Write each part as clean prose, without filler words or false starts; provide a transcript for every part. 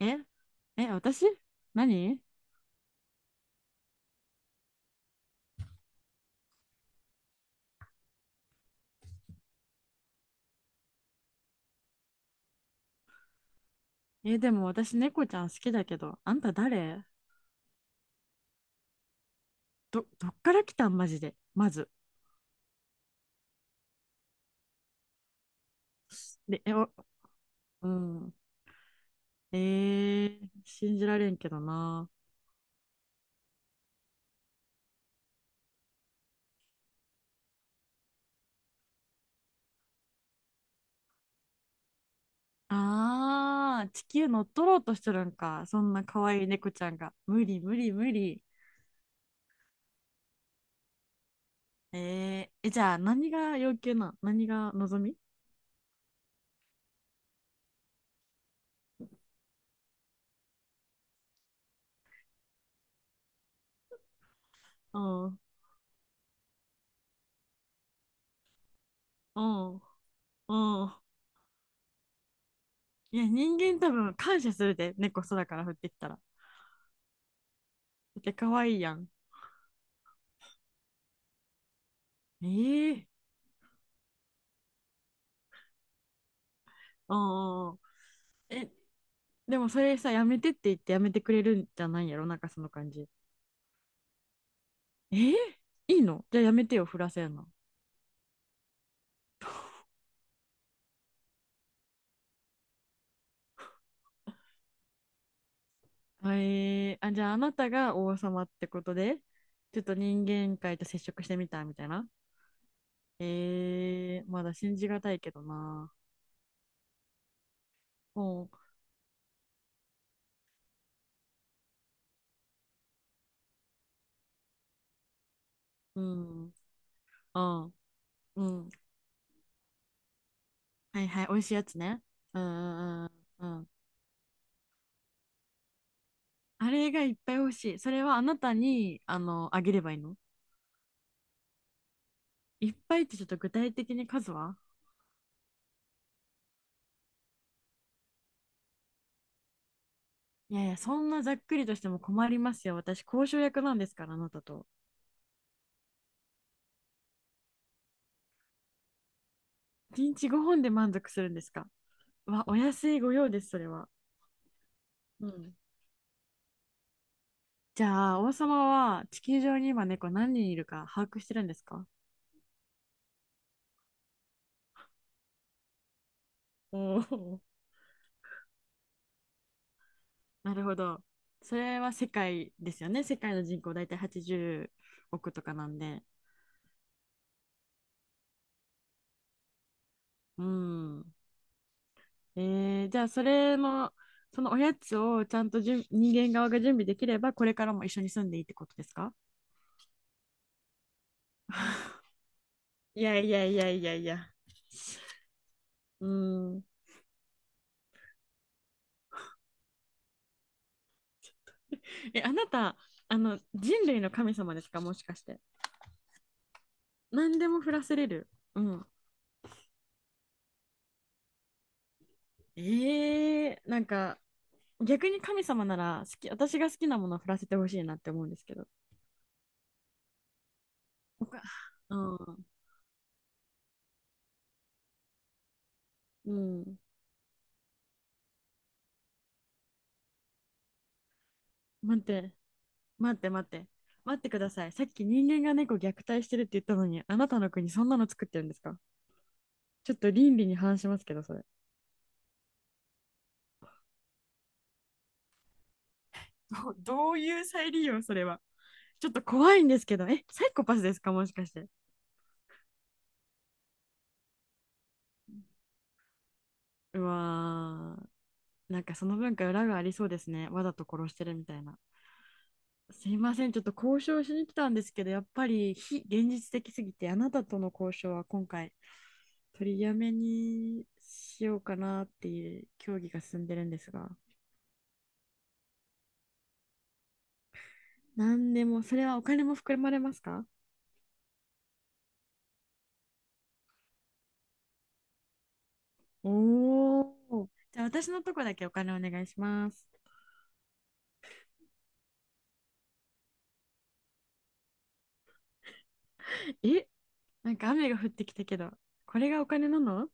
ええ、私？何？え、でも私猫ちゃん好きだけど、あんた誰？どっから来たんマジで。まず。で、え、お、うん。えー、信じられんけどな。あー、地球乗っ取ろうとしてるんか。そんな可愛い猫ちゃんが。無理無理無理。えー、え、じゃあ何が要求なん？何が望み？うん、うん、うん。いや、人間多分感謝するで、猫空から降ってきたら。だって可愛いやん。ええ。ああ。え、でもそれさ、やめてって言ってやめてくれるんじゃないんやろ、なんかその感じ。えー、いいの？じゃあやめてよ、振らせんの。はい。あ、じゃああなたが王様ってことで、ちょっと人間界と接触してみたみたいな。えー、まだ信じがたいけどな。ほう、うん、あ、うん。はいはい、美味しいやつね。うんうんうん。うん。あれがいっぱい欲しい。それはあなたに、あの、あげればいいの？いっぱいってちょっと具体的に数は？いやいや、そんなざっくりとしても困りますよ。私、交渉役なんですから、あなたと。1日5本で満足するんですか？わ、お安いご用です、それは。うん。じゃあ、王様は地球上に今猫何人いるか把握してるんですか？おー。なるほど。それは世界ですよね。世界の人口大体80億とかなんで。うん。えー、じゃあ、それの、そのおやつをちゃんとじゅん人間側が準備できれば、これからも一緒に住んでいいってことですか？ いやいやいやいやいや。うん。え、あなた、あの、人類の神様ですか、もしかして。何でも降らせれる。うん。ええ、なんか、逆に神様なら、好き、私が好きなものを降らせてほしいなって思うんですけど。僕は。うん。うん。待って、待って待って。待ってください。さっき人間が猫虐待してるって言ったのに、あなたの国そんなの作ってるんですか？ちょっと倫理に反しますけど、それ。どういう再利用、それは。ちょっと怖いんですけど、え、サイコパスですか、もしかして。うわー、なんかその文化裏がありそうですね。わざと殺してるみたいな。すいません、ちょっと交渉しに来たんですけど、やっぱり非現実的すぎて、あなたとの交渉は今回取りやめにしようかなっていう協議が進んでるんですが、何でも、それはお金も含まれますか？おおー。じゃあ私のとこだけお金お願いします。え、なんか雨が降ってきたけど、これがお金なの？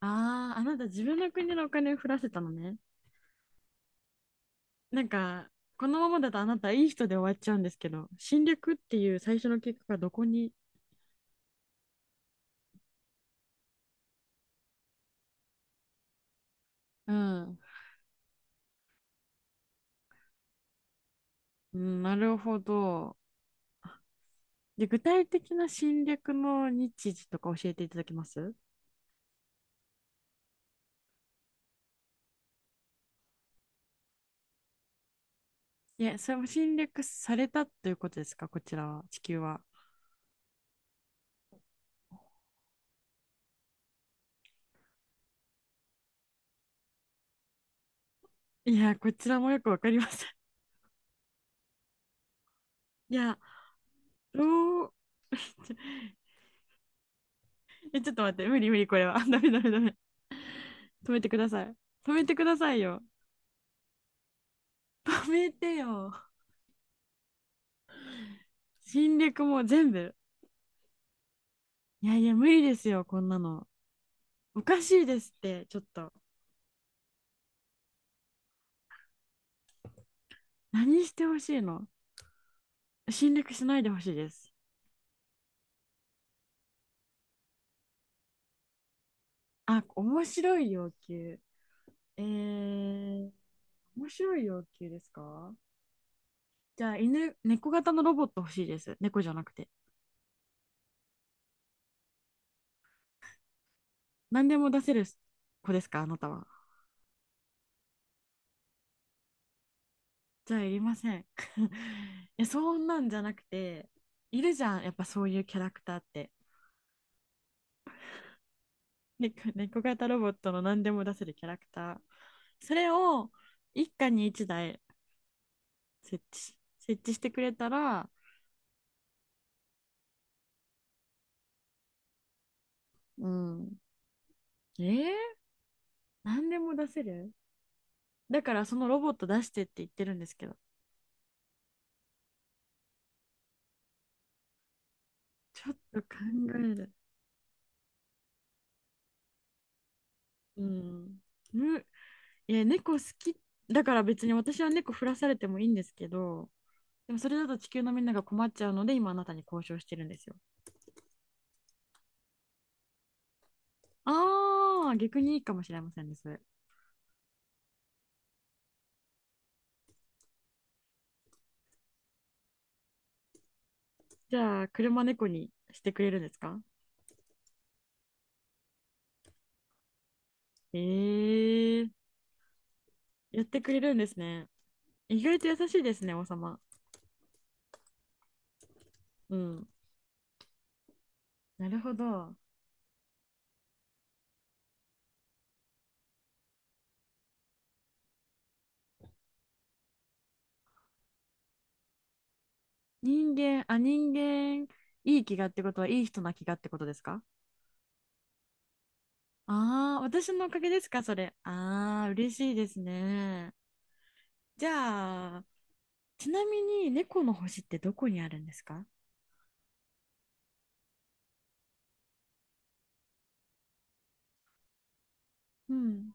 ああー、あなた自分の国のお金を降らせたのね。なんか、このままだとあなたいい人で終わっちゃうんですけど、侵略っていう最初の結果がどこに、うん、うん、なるほど。で、具体的な侵略の日時とか教えていただけます？いや、それも侵略されたということですか、こちらは、地球は。いや、こちらもよくわかりません。いや、どう、ちょちょっと待って、無理無理、これは。ダメダメダメ。止めてください。止めてくださいよ。止めてよ。侵略も全部。いやいや、無理ですよ、こんなの。おかしいですって、ちょっと。何してほしいの？侵略しないでほしいです。あ、面白い要求。えー、面白い要求ですか？じゃあ、犬、猫型のロボット欲しいです。猫じゃなくて。何でも出せる子ですか、あなたは。じゃあ、いりません。いや、そんなんじゃなくて、いるじゃん、やっぱそういうキャラクターって。猫型ロボットの何でも出せるキャラクター。それを一家に一台設置してくれたら、うん。えー、何でも出せる、だからそのロボット出してって言ってるんですけど、ちょっと考える。うん。む、いや、猫好き。だから別に私は猫振らされてもいいんですけど、でもそれだと地球のみんなが困っちゃうので、今あなたに交渉してるんですよ。ああ、逆にいいかもしれませんね、それ。じゃあ、車猫にしてくれるんですか？ええー。やってくれるんですね。意外と優しいですね、王様。うん。なるほど。人間、あ、人間、いい気がってことは、いい人な気がってことですか？ああー、私のおかげですか、それ。ああ、嬉しいですね。じゃあ、ちなみに、猫の星ってどこにあるんですか？うん。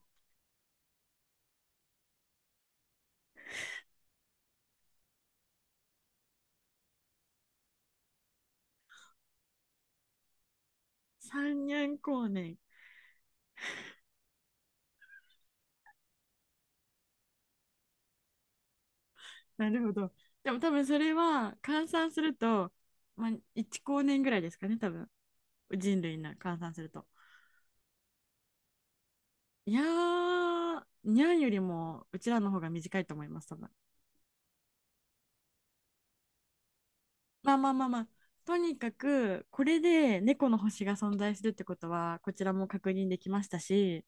三年光年。なるほど。でも多分それは、換算すると、まあ、1光年ぐらいですかね、多分。人類の換算すると。いやー、にゃんよりもうちらの方が短いと思います、多分。まあまあまあまあ、とにかく、これで猫の星が存在するってことは、こちらも確認できましたし、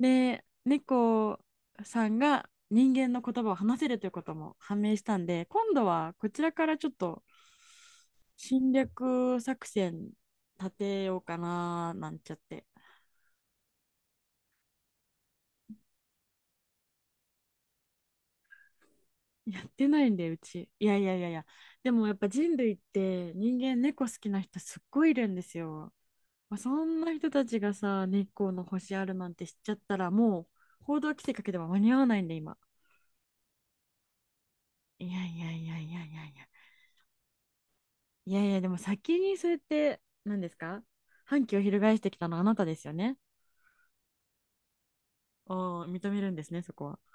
で、猫さんが人間の言葉を話せるということも判明したんで、今度はこちらからちょっと侵略作戦立てようかな、なんちゃって。やってないんで、うち。いやいやいやいや。でもやっぱ人類って人間猫好きな人すっごいいるんですよ。まあそんな人たちがさ、日光の星あるなんて知っちゃったら、もう報道規制かけては間に合わないんで、今。いやいやいやいやいやいや。いやいや、でも先にそうやって、何ですか？反旗を翻してきたのはあなたですよね。ああ、認めるんですね、そこは。